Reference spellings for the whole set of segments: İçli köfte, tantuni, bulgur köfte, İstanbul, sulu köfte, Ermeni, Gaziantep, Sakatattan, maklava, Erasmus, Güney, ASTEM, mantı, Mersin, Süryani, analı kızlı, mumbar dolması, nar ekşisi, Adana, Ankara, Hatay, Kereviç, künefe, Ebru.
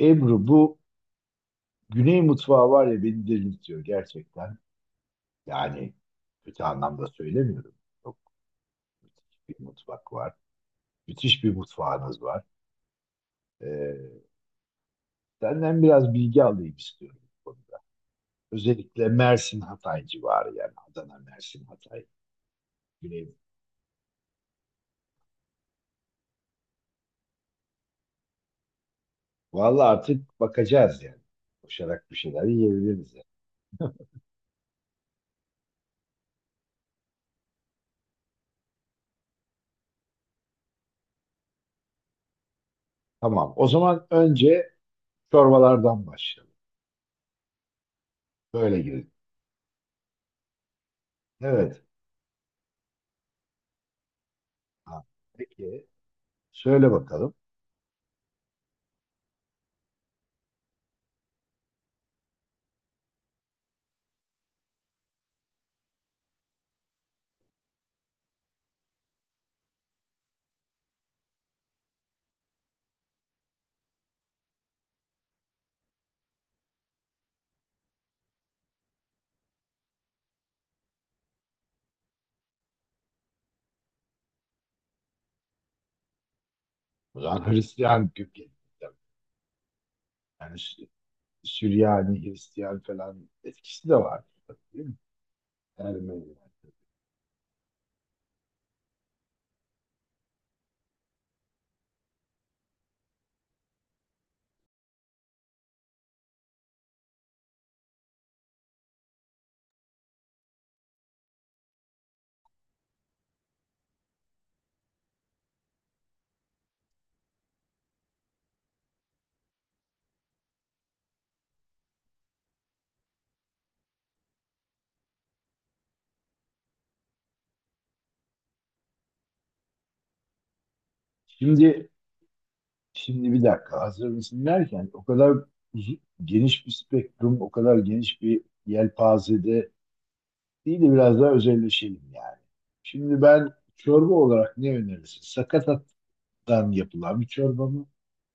Ebru, bu Güney mutfağı var ya, beni delirtiyor gerçekten. Yani kötü anlamda söylemiyorum. Çok müthiş bir mutfak var. Müthiş bir mutfağınız var. Ee, Senden biraz bilgi alayım istiyorum bu konuda. Özellikle Mersin Hatay civarı, yani Adana, Mersin, Hatay, Güney. Vallahi artık bakacağız yani. Koşarak bir şeyler yiyebiliriz yani. Tamam. O zaman önce çorbalardan başlayalım. Böyle girelim. Evet. Ha, peki. Söyle bakalım. O zaman Hristiyan kökenli. Yani Süryani, Hristiyan falan etkisi de var. Değil mi? Ermeni. Şimdi, şimdi, bir dakika, hazır mısın derken, o kadar uzu- geniş bir spektrum, o kadar geniş bir yelpazede değil de biraz daha özelleşelim yani. Şimdi ben çorba olarak ne önerirsin? Sakatattan yapılan bir çorba mı?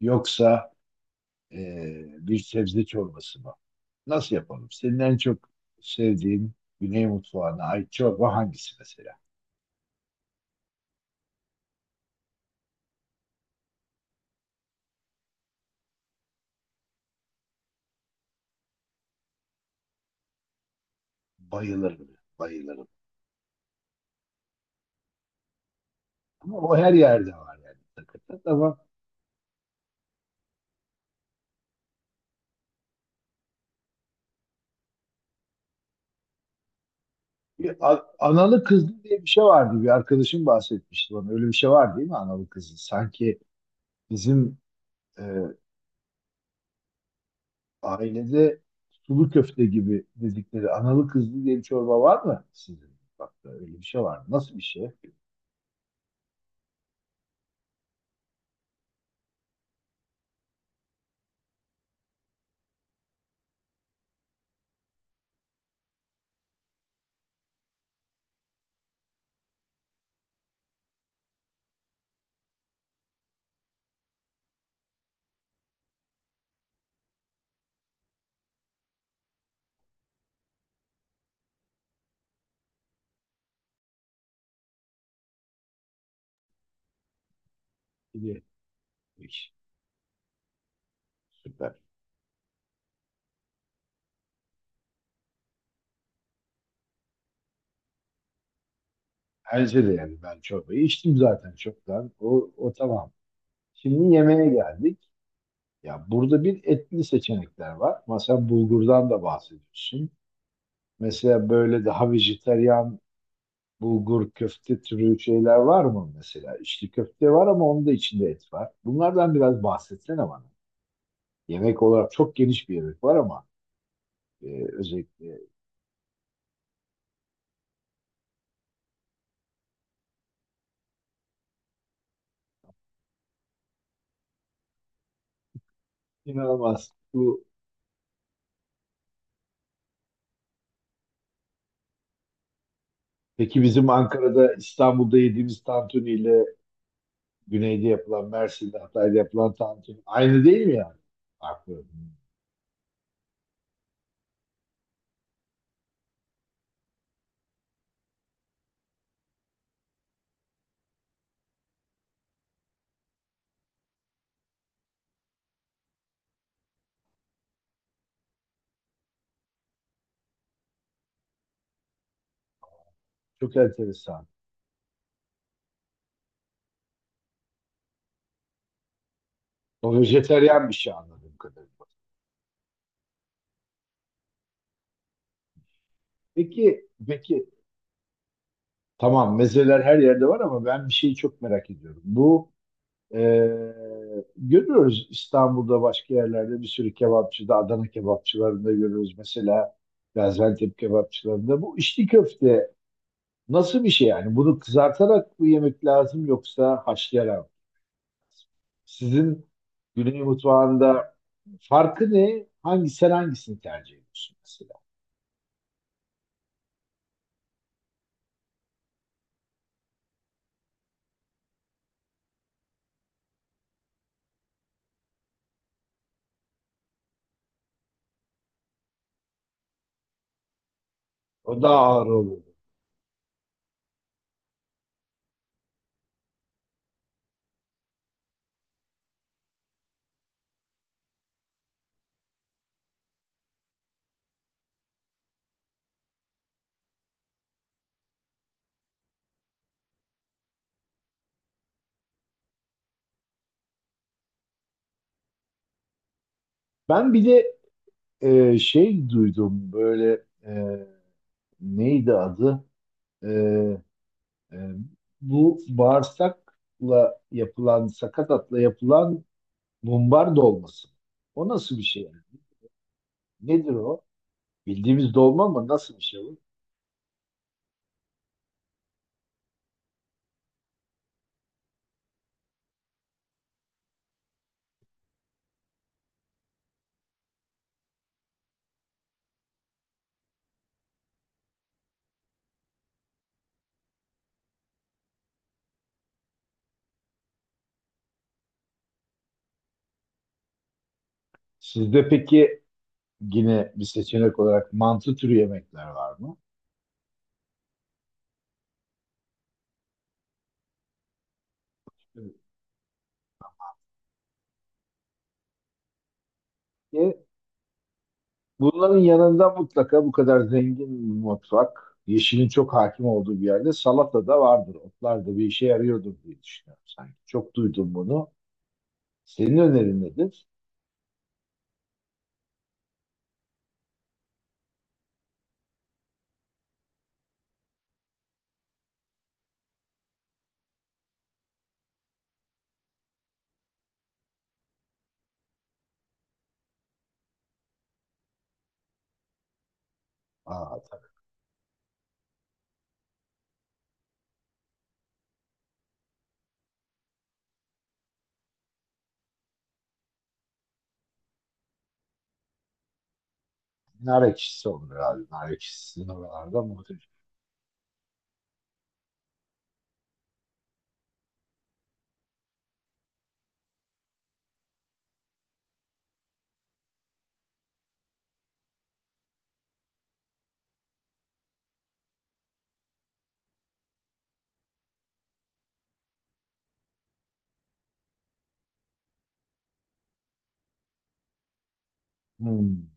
Yoksa bir sebze çorbası mı? Nasıl yapalım? Senin en çok sevdiğin Güney mutfağına ait çorba hangisi mesela? Bayılırım, bayılırım. Ama o her yerde var yani. Hakikaten ama analı kızlı diye bir şey vardı. Bir arkadaşım bahsetmişti bana. Öyle bir şey var değil mi, analı kızlı? Sanki bizim e, ailede sulu köfte gibi dedikleri analı kızlı diye bir çorba var mı sizin? Bak da, öyle bir şey var mı? Nasıl bir şey? Bir de- Süper. Bence de, yani ben çorbayı içtim zaten çoktan. O, o tamam. Şimdi yemeğe geldik. Ya, burada bir etli seçenekler var. Mesela bulgurdan da bahsediyorsun. Mesela böyle daha vejetaryen bulgur köfte türü şeyler var mı mesela? İçli köfte var ama onun da içinde et var. Bunlardan biraz bahsetsene bana. Yemek olarak çok geniş bir yemek var ama e, özellikle inanılmaz. Peki bizim Ankara'da, İstanbul'da yediğimiz tantuniyle güneyde yapılan, Mersin'de, Hatay'da yapılan tantuni aynı değil mi yani? Farklı. Çok enteresan. O vejeteryan bir şey anladığım kadarıyla. Peki, peki, tamam, mezeler her yerde var ama ben bir şeyi çok merak ediyorum. E, görüyoruz, İstanbul'da, başka yerlerde, bir sürü kebapçıda, Adana kebapçılarında görüyoruz, mesela Gaziantep kebapçılarında. Bu içli köfte nasıl bir şey yani? Bunu kızartarak mı yemek lazım, yoksa haşlayarak mı? Sizin Güney mutfağında farkı ne? Sen hangisini tercih ediyorsun mesela? O daha ağır olur. Ben bir de şey duydum, neydi adı? E, e, Bu bağırsakla yapılan, sakatatla yapılan mumbar dolması. O nasıl bir şey? Nedir o? Bildiğimiz dolma mı? Nasıl bir şey bu? Sizde peki yine bir seçenek olarak mantı türü yemekler var mı? Evet. Bunların yanında mutlaka, bu kadar zengin bir mutfak, yeşilin çok hakim olduğu bir yerde salata da vardır. Otlar da bir işe yarıyordur diye düşünüyorum sanki. Çok duydum bunu. Senin önerin nedir? Aa, tabii. Nar ekşisi olur herhalde. Nar ekşisinin oralarda muhteşem. Hmm.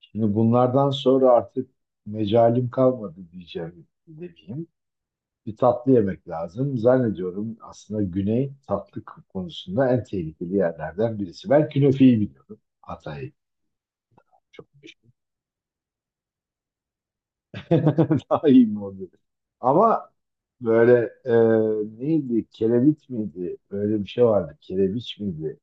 Şimdi bunlardan sonra artık mecalim kalmadı diyeceğim. Demeyeyim. Bir tatlı yemek lazım. Zannediyorum aslında Güney, tatlı konusunda en tehlikeli yerlerden birisi. Ben künefeyi biliyorum. Hatay çok meşhur. Daha iyi mi oldu? Ama böyle e, neydi? Kereviç miydi? Böyle bir şey vardı. Kereviç miydi?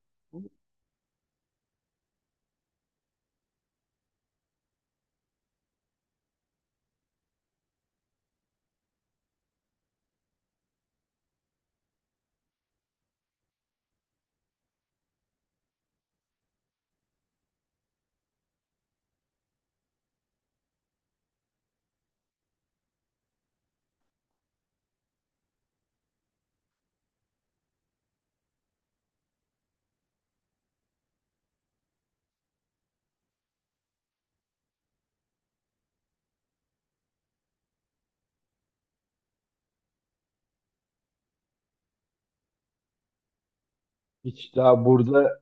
Hiç daha burada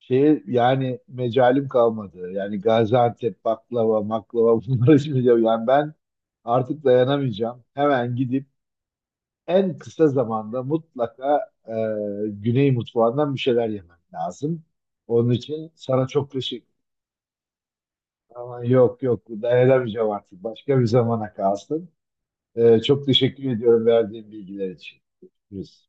yani mecalim kalmadı. Yani Gaziantep baklava, maklava bunları içmeyeceğim. Yani ben artık dayanamayacağım. Hemen gidip en kısa zamanda mutlaka Güney mutfağından bir şeyler yemem lazım. Onun için sana çok teşekkür. Ama yok yok, dayanamayacağım artık. Başka bir zamana kalsın. Çok teşekkür ediyorum verdiğin bilgiler için. Görüşürüz.